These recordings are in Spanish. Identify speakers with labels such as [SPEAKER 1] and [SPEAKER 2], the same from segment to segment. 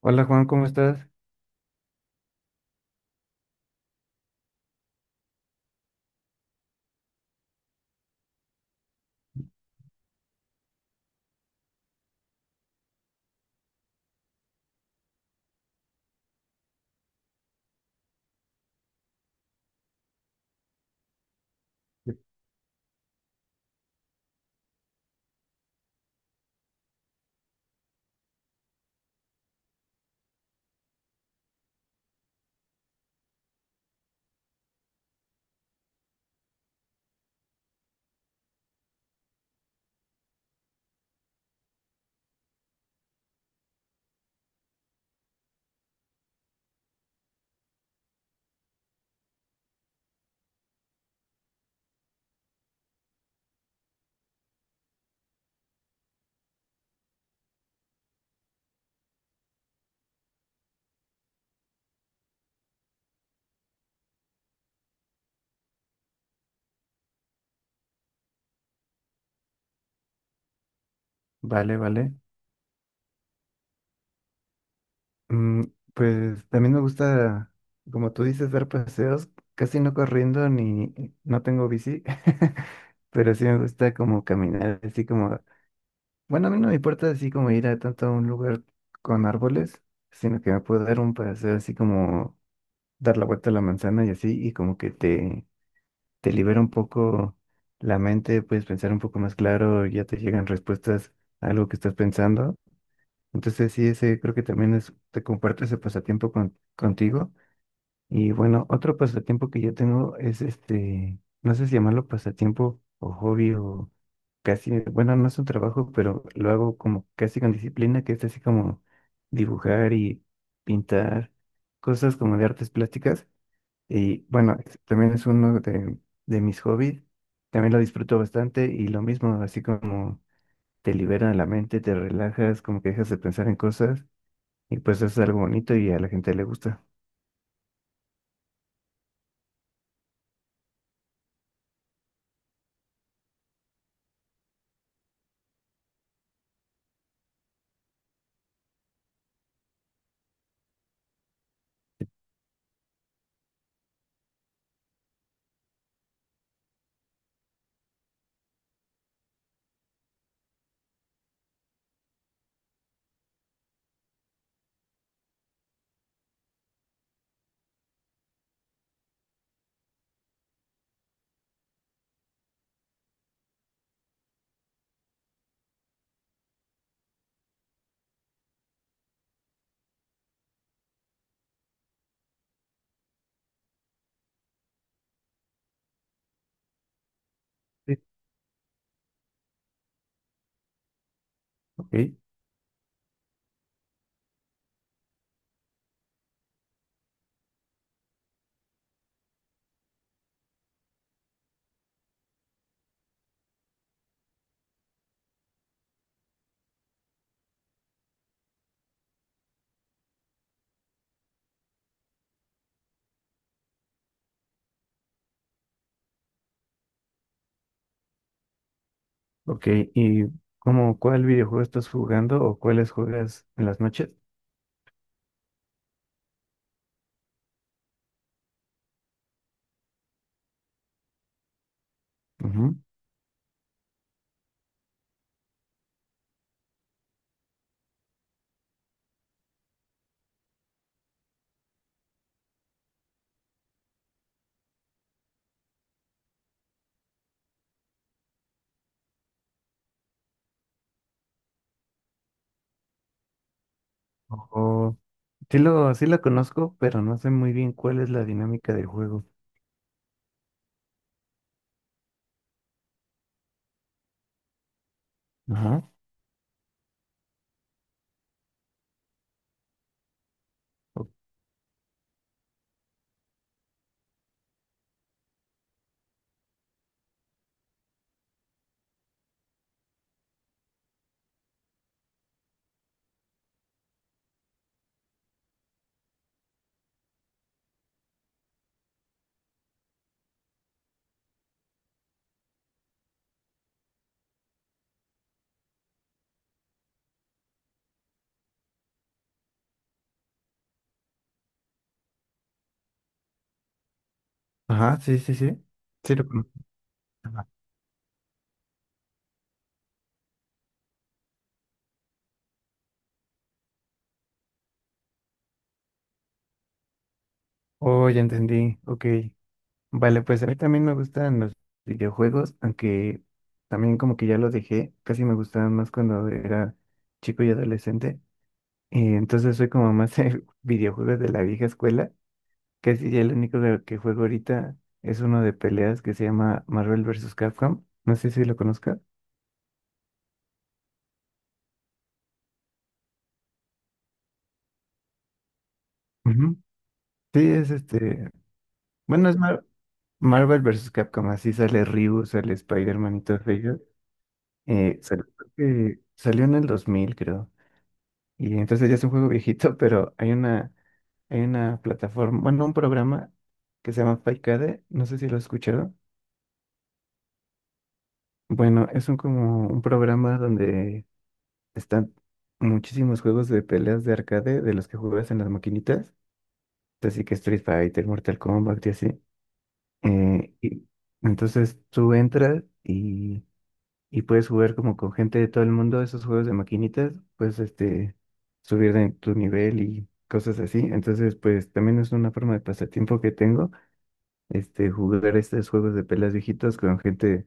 [SPEAKER 1] Hola Juan, ¿cómo estás? Vale, vale. Mm, pues también me gusta, como tú dices, dar paseos, casi no corriendo ni no tengo bici, pero sí me gusta como caminar, así como, bueno, a mí no me importa así como ir a tanto a un lugar con árboles, sino que me puedo dar un paseo así como dar la vuelta a la manzana y así, y como que te libera un poco la mente, puedes pensar un poco más claro, ya te llegan respuestas a algo que estás pensando. Entonces, sí, ese creo que también es, te comparto ese pasatiempo contigo. Y bueno, otro pasatiempo que yo tengo es este, no sé si llamarlo pasatiempo o hobby o casi, bueno, no es un trabajo, pero lo hago como casi con disciplina, que es así como dibujar y pintar cosas como de artes plásticas. Y bueno, también es uno de mis hobbies. También lo disfruto bastante y lo mismo, así como te libera la mente, te relajas, como que dejas de pensar en cosas. Y pues es algo bonito y a la gente le gusta. Sí. Ok, ok. ¿Y cómo cuál videojuego estás jugando o cuáles juegas en las noches? Ujú. O, sí sí lo conozco, pero no sé muy bien cuál es la dinámica del juego. Ajá. o- Ajá, sí, sí, sí. Sí lo conozco. Ajá. Oh, ya entendí. Ok. Vale, pues a mí también me gustan los videojuegos, aunque también como que ya los dejé. Casi me gustaban más cuando era chico y adolescente. Y entonces soy como más de videojuegos de la vieja escuela. Casi ya el único que juego ahorita es uno de peleas que se llama Marvel vs. Capcom. No sé si lo conozcas. Ujú. Sí, es este. Bueno, Marvel vs. Capcom. Así sale Ryu, sale Spider-Man y todos ellos. Creo que salió en el 2000, creo. Y entonces ya es un juego viejito, pero hay hay una plataforma, bueno, un programa que se llama Paikade. No sé si lo has escuchado. Bueno, es un como un programa donde están muchísimos juegos de peleas de arcade de los que juegas en las maquinitas, así que Street Fighter, Mortal Kombat y así. Y entonces tú y puedes jugar como con gente de todo el mundo esos juegos de maquinitas, puedes este, subir de tu nivel y cosas así. Entonces, pues también es una forma de pasatiempo que tengo este, jugar estos juegos de peleas viejitos con gente,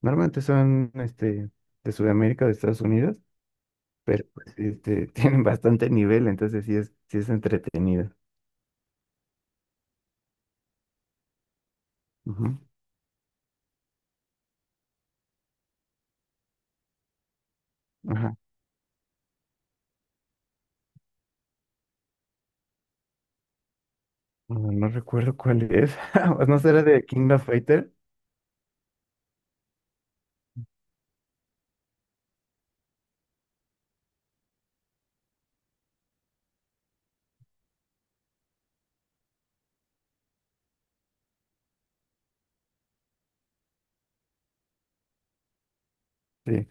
[SPEAKER 1] normalmente son este, de Sudamérica o de Estados Unidos, pero pues, este, tienen bastante nivel, entonces sí sí es entretenido. Ujú, Ajá. No, no recuerdo cuál es. ¿No será de King of Fighter? Sí.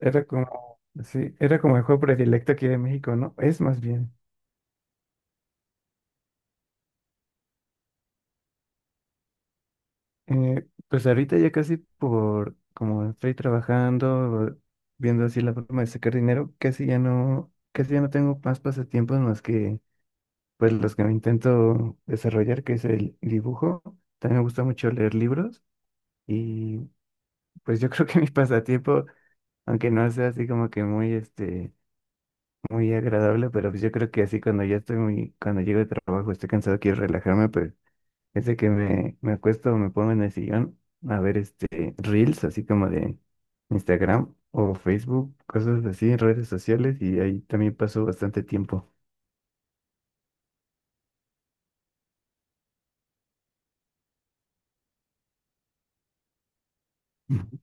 [SPEAKER 1] Era como, sí, era como el juego predilecto aquí de México, ¿no? Es más bien. Pues ahorita ya casi por como estoy trabajando, viendo así la forma de sacar dinero, casi ya no tengo más pasatiempos más que pues los que me intento desarrollar, que es el dibujo. También me gusta mucho leer libros y pues yo creo que mi pasatiempo, aunque no sea así como que muy muy agradable, pero pues yo creo que así cuando ya estoy muy, cuando llego de trabajo, estoy cansado, quiero relajarme, pues, es de que me acuesto o me pongo en el sillón a ver este reels, así como de Instagram o Facebook, cosas así, redes sociales, y ahí también paso bastante tiempo. Ujú.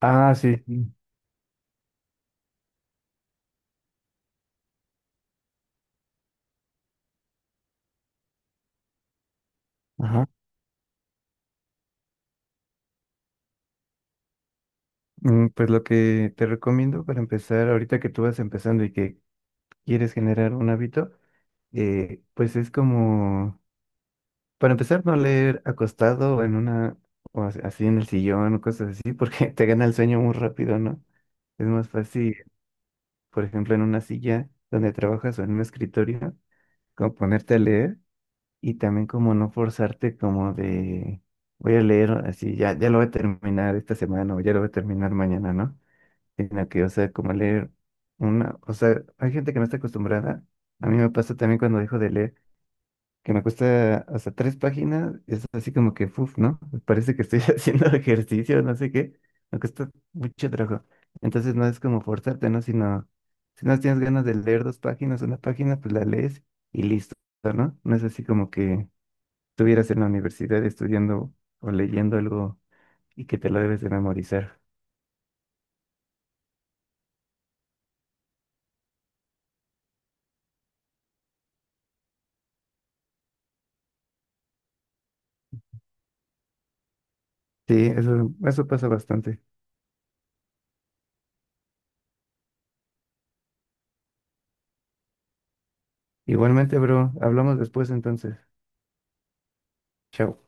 [SPEAKER 1] Ah, sí. Sí, Ajá. Mm, pues lo que te recomiendo para empezar, ahorita que tú vas empezando y que quieres generar un hábito, pues es como, para empezar, no leer acostado o en una, o así en el sillón o cosas así, porque te gana el sueño muy rápido, ¿no? Es más fácil por ejemplo, en una silla donde trabajas o en un escritorio, como ponerte a leer y también como no forzarte como de, voy a leer así, ya, ya lo voy a terminar esta semana o ya lo voy a terminar mañana, ¿no? Sino que, o sea, como leer una, o sea, hay gente que no está acostumbrada. A mí me pasa también cuando dejo de leer que me cuesta hasta 3 páginas, es así como que, uff, ¿no? Parece que estoy haciendo ejercicio, no sé qué, me cuesta mucho trabajo. Entonces no es como forzarte, ¿no? Sino, si no tienes ganas de leer dos páginas, una página, pues la lees y listo, ¿no? No es así como que estuvieras en la universidad estudiando o leyendo algo y que te lo debes de memorizar. Sí, eso pasa bastante. Igualmente, bro, hablamos después entonces. Chao.